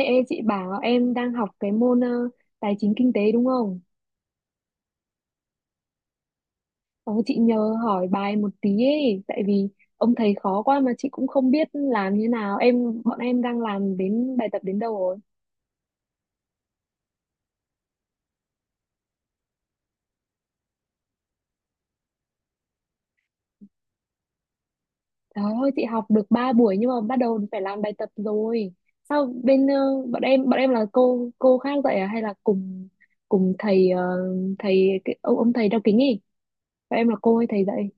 Ê, ê chị bảo em đang học cái môn tài chính kinh tế đúng không? Ờ, chị nhờ hỏi bài một tí ấy, tại vì ông thầy khó quá mà chị cũng không biết làm như nào. Bọn em đang làm đến bài tập đến đâu rồi? Trời ơi chị học được 3 buổi nhưng mà bắt đầu phải làm bài tập rồi. Sao bên bọn em là cô khác dạy à hay là cùng cùng thầy thầy cái, ông thầy đeo kính ấy? Bọn em là cô hay thầy dạy?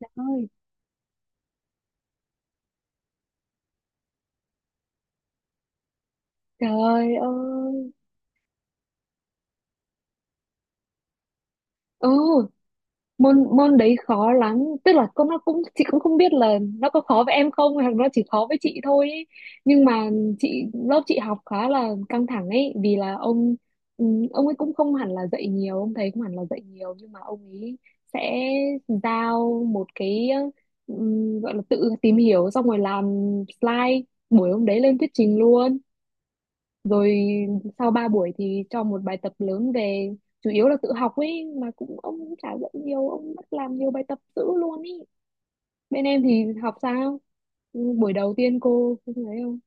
Trời ơi, trời ơi. Ừ, môn môn đấy khó lắm, tức là con nó cũng chị cũng không biết là nó có khó với em không hoặc nó chỉ khó với chị thôi ấy. Nhưng mà lớp chị học khá là căng thẳng ấy vì là ông ừ, ông ấy cũng không hẳn là dạy nhiều, ông thầy cũng hẳn là dạy nhiều nhưng mà ông ấy sẽ giao một cái ừ, gọi là tự tìm hiểu xong rồi làm slide buổi hôm đấy lên thuyết trình luôn, rồi sau 3 buổi thì cho một bài tập lớn về. Chủ yếu là tự học ấy mà, cũng ông cũng chả dạy nhiều, ông bắt làm nhiều bài tập dữ luôn ý. Bên em thì học sao? Ừ, buổi đầu tiên cô thấy không?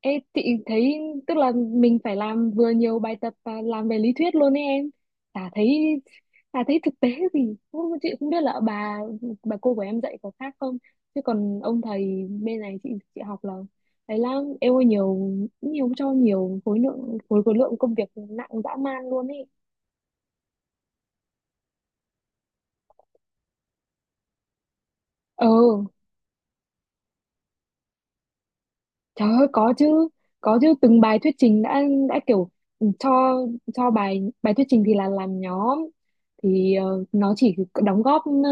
Ê, chị thấy tức là mình phải làm vừa nhiều bài tập và làm về lý thuyết luôn ấy em. Chả thấy chả thấy thực tế gì. Không, chị không biết là bà cô của em dạy có khác không. Chứ còn ông thầy bên này chị học là thấy là em ơi nhiều nhiều cho nhiều khối lượng khối khối lượng công việc nặng dã man luôn ấy. Ờ, trời ơi có chứ, có chứ, từng bài thuyết trình đã kiểu cho cho bài bài thuyết trình thì là làm nhóm, thì nó chỉ đóng góp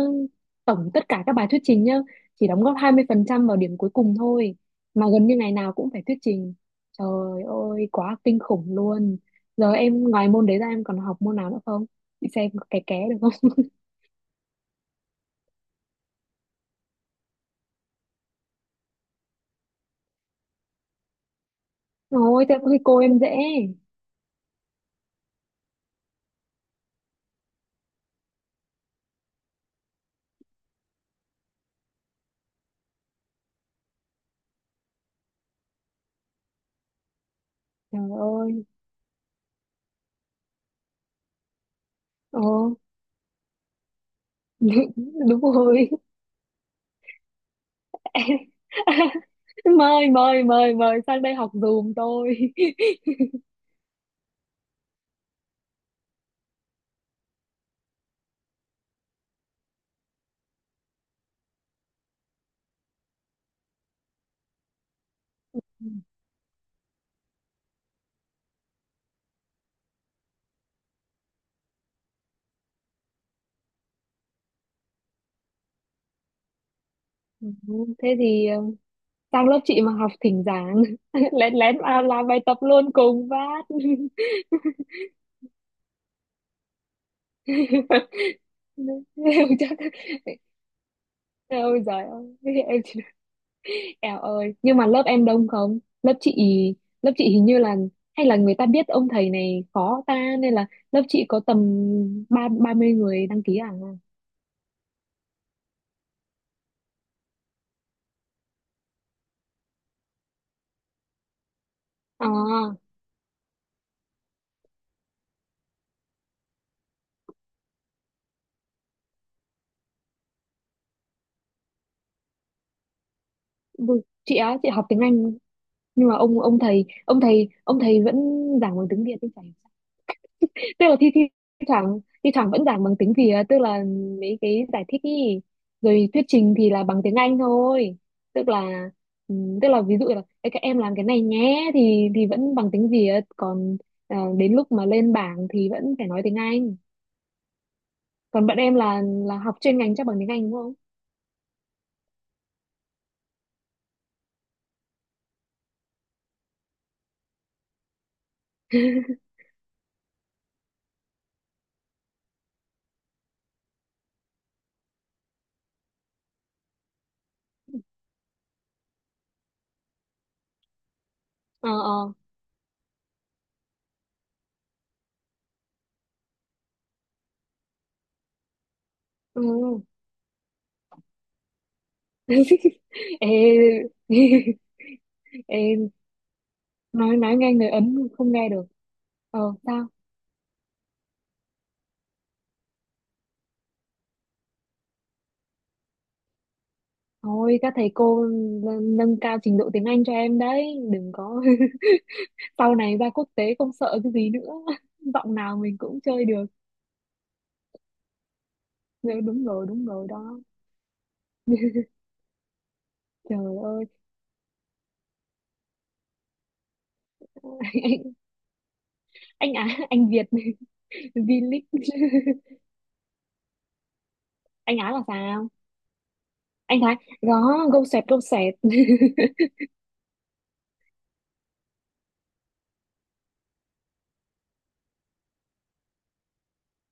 tổng tất cả các bài thuyết trình nhá chỉ đóng góp 20% vào điểm cuối cùng thôi, mà gần như ngày nào cũng phải thuyết trình. Trời ơi quá kinh khủng luôn. Giờ em ngoài môn đấy ra em còn học môn nào nữa không, chị xem có ké ké được không? Ôi thế có khi cô em dễ. Trời ơi. Ồ. Đúng rồi. Mời mời mời mời sang đây học giùm tôi. Ừ, ừ. Thế thì sang lớp chị mà học thỉnh giảng lén lén vào làm bài tập luôn cùng vát. Chắc ôi giời ơi em chỉ eo ơi nhưng mà lớp em đông không lớp chị? Lớp chị hình như là, hay là người ta biết ông thầy này khó ta nên là lớp chị có tầm ba ba mươi người đăng ký à. À chị á chị học tiếng Anh, nhưng mà ông thầy vẫn giảng bằng tiếng Việt thì phải. Tức là thi thi thoảng vẫn giảng bằng tiếng Việt, tức là mấy cái giải thích ý, rồi thuyết trình thì là bằng tiếng Anh thôi. Tức là ừ, tức là ví dụ là "Ê, các em làm cái này nhé" thì vẫn bằng tiếng Việt, còn đến lúc mà lên bảng thì vẫn phải nói tiếng Anh. Còn bạn em là học chuyên ngành chắc bằng tiếng Anh đúng không? Ờ ờ. Ừ. Ê. Ê, nói nghe người Ấn không nghe được. Ờ. Sao? Thôi các thầy cô nâng cao trình độ tiếng Anh cho em đấy, đừng có sau này ra quốc tế không sợ cái gì nữa. Giọng nào mình cũng chơi được. Dạ, đúng rồi, đúng rồi đó. Trời ơi, anh Á, anh Việt, V-League. Anh Á là sao? Anh Thái, đó, gâu sẹt, gâu sẹt.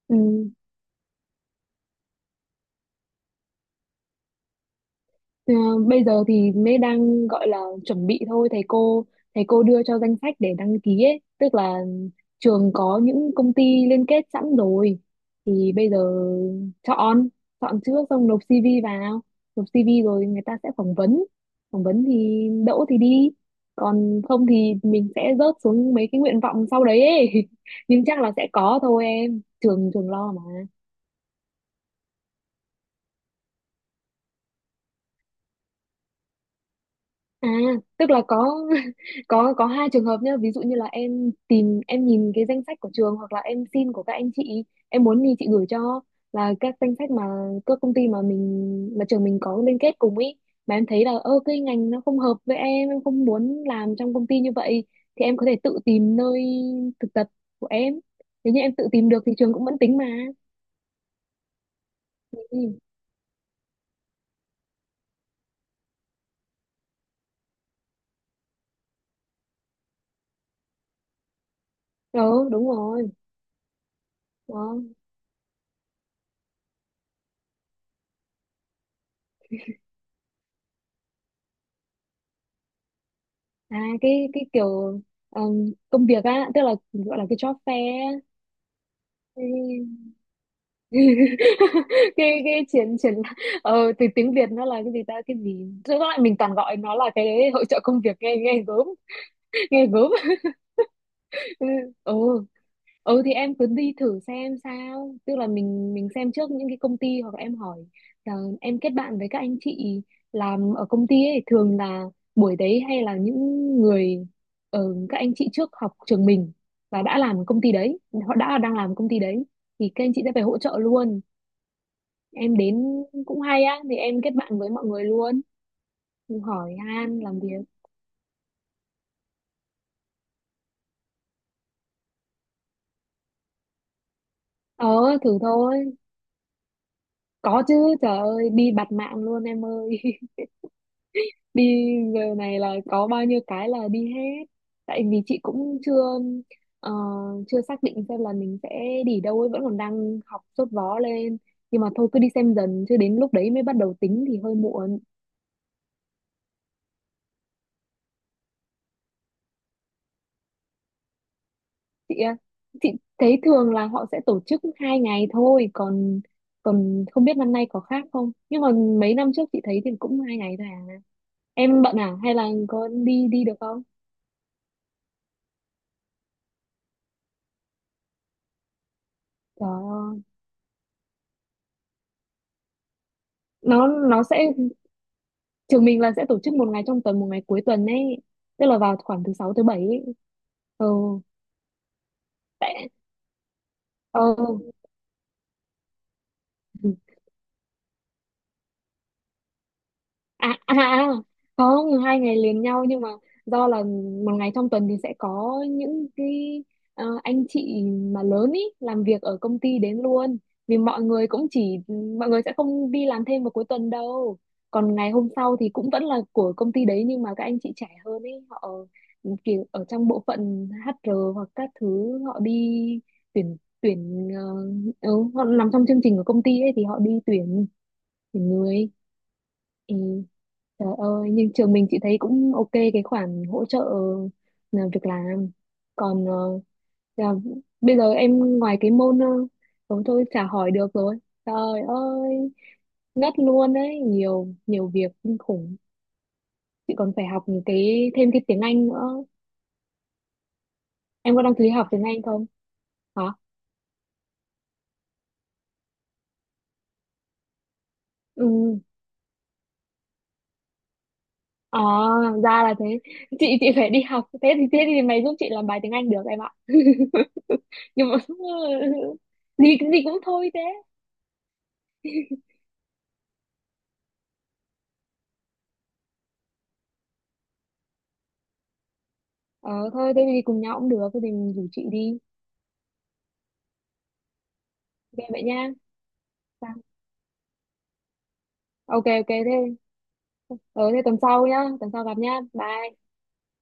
Ừ. Ờ, bây giờ thì mới đang gọi là chuẩn bị thôi, thầy cô đưa cho danh sách để đăng ký ấy, tức là trường có những công ty liên kết sẵn rồi, thì bây giờ chọn chọn trước xong nộp CV vào, nộp CV rồi người ta sẽ phỏng vấn. Phỏng vấn thì đỗ thì đi, còn không thì mình sẽ rớt xuống mấy cái nguyện vọng sau đấy ấy. Nhưng chắc là sẽ có thôi em, trường trường lo mà. À, tức là có có hai trường hợp nhá, ví dụ như là em tìm em nhìn cái danh sách của trường hoặc là em xin của các anh chị, em muốn thì chị gửi cho, là các danh sách mà các công ty mà mình mà trường mình có liên kết cùng ý. Mà em thấy là ơ cái ngành nó không hợp với em không muốn làm trong công ty như vậy, thì em có thể tự tìm nơi thực tập của em. Nếu như em tự tìm được thì trường cũng vẫn tính mà. Ừ. Ờ, đúng rồi. Đó. À cái kiểu công việc á, tức là gọi là cái job fair á. Cái cái triển triển từ tiếng Việt nó là cái gì ta, cái gì? Tức lại mình toàn gọi nó là cái hội trợ công việc nghe nghe gớm. Nghe gớm. Ừ, ừ thì em cứ đi thử xem sao, tức là mình xem trước những cái công ty hoặc là em hỏi là em kết bạn với các anh chị làm ở công ty ấy, thường là buổi đấy hay là những người các anh chị trước học trường mình và đã làm ở công ty đấy, họ đã đang làm ở công ty đấy thì các anh chị sẽ phải hỗ trợ luôn em đến, cũng hay á thì em kết bạn với mọi người luôn, hỏi han làm việc. Ờ thử thôi. Có chứ, trời ơi đi bạt mạng luôn em ơi. Đi giờ này là có bao nhiêu cái là đi hết, tại vì chị cũng chưa ờ, chưa xác định xem là mình sẽ đi đâu ấy, vẫn còn đang học sốt vó lên, nhưng mà thôi cứ đi xem dần chứ đến lúc đấy mới bắt đầu tính thì hơi muộn. Chị ạ, chị thấy thường là họ sẽ tổ chức hai ngày thôi, còn còn không biết năm nay có khác không nhưng mà mấy năm trước chị thấy thì cũng hai ngày thôi à. Em bận à hay là có đi đi được không? Trời ơi. Nó nó sẽ, trường mình là sẽ tổ chức một ngày trong tuần một ngày cuối tuần ấy, tức là vào khoảng thứ sáu thứ bảy ấy. Ừ. Tại ừ. À, à, à, không hai ngày liền nhau nhưng mà do là một ngày trong tuần thì sẽ có những cái anh chị mà lớn ý làm việc ở công ty đến luôn, vì mọi người cũng chỉ mọi người sẽ không đi làm thêm vào cuối tuần đâu. Còn ngày hôm sau thì cũng vẫn là của công ty đấy nhưng mà các anh chị trẻ hơn ý, họ kiểu ở trong bộ phận HR hoặc các thứ họ đi tuyển tuyển ờ, ừ, họ nằm trong chương trình của công ty ấy thì họ đi tuyển tuyển người. Ừ. Trời ơi, nhưng trường mình chị thấy cũng ok cái khoản hỗ trợ việc làm. Còn là, bây giờ em ngoài cái môn thôi thôi chả hỏi được rồi. Trời ơi, ngất luôn đấy, nhiều nhiều việc kinh khủng. Chị còn phải học những cái thêm cái tiếng Anh nữa. Em có đăng ký học tiếng Anh không? Hả? Ừ. À, ra là thế. Chị phải đi học. Thế thì mày giúp chị làm bài tiếng Anh được em ạ. Nhưng mà gì gì cũng thôi thế. Ờ thôi thế thì cùng nhau cũng được. Thế thì mình rủ chị đi. Ok vậy nha. Sao? Ok ok thế. Ờ thế tuần sau nhá. Tuần sau gặp nhá. Bye.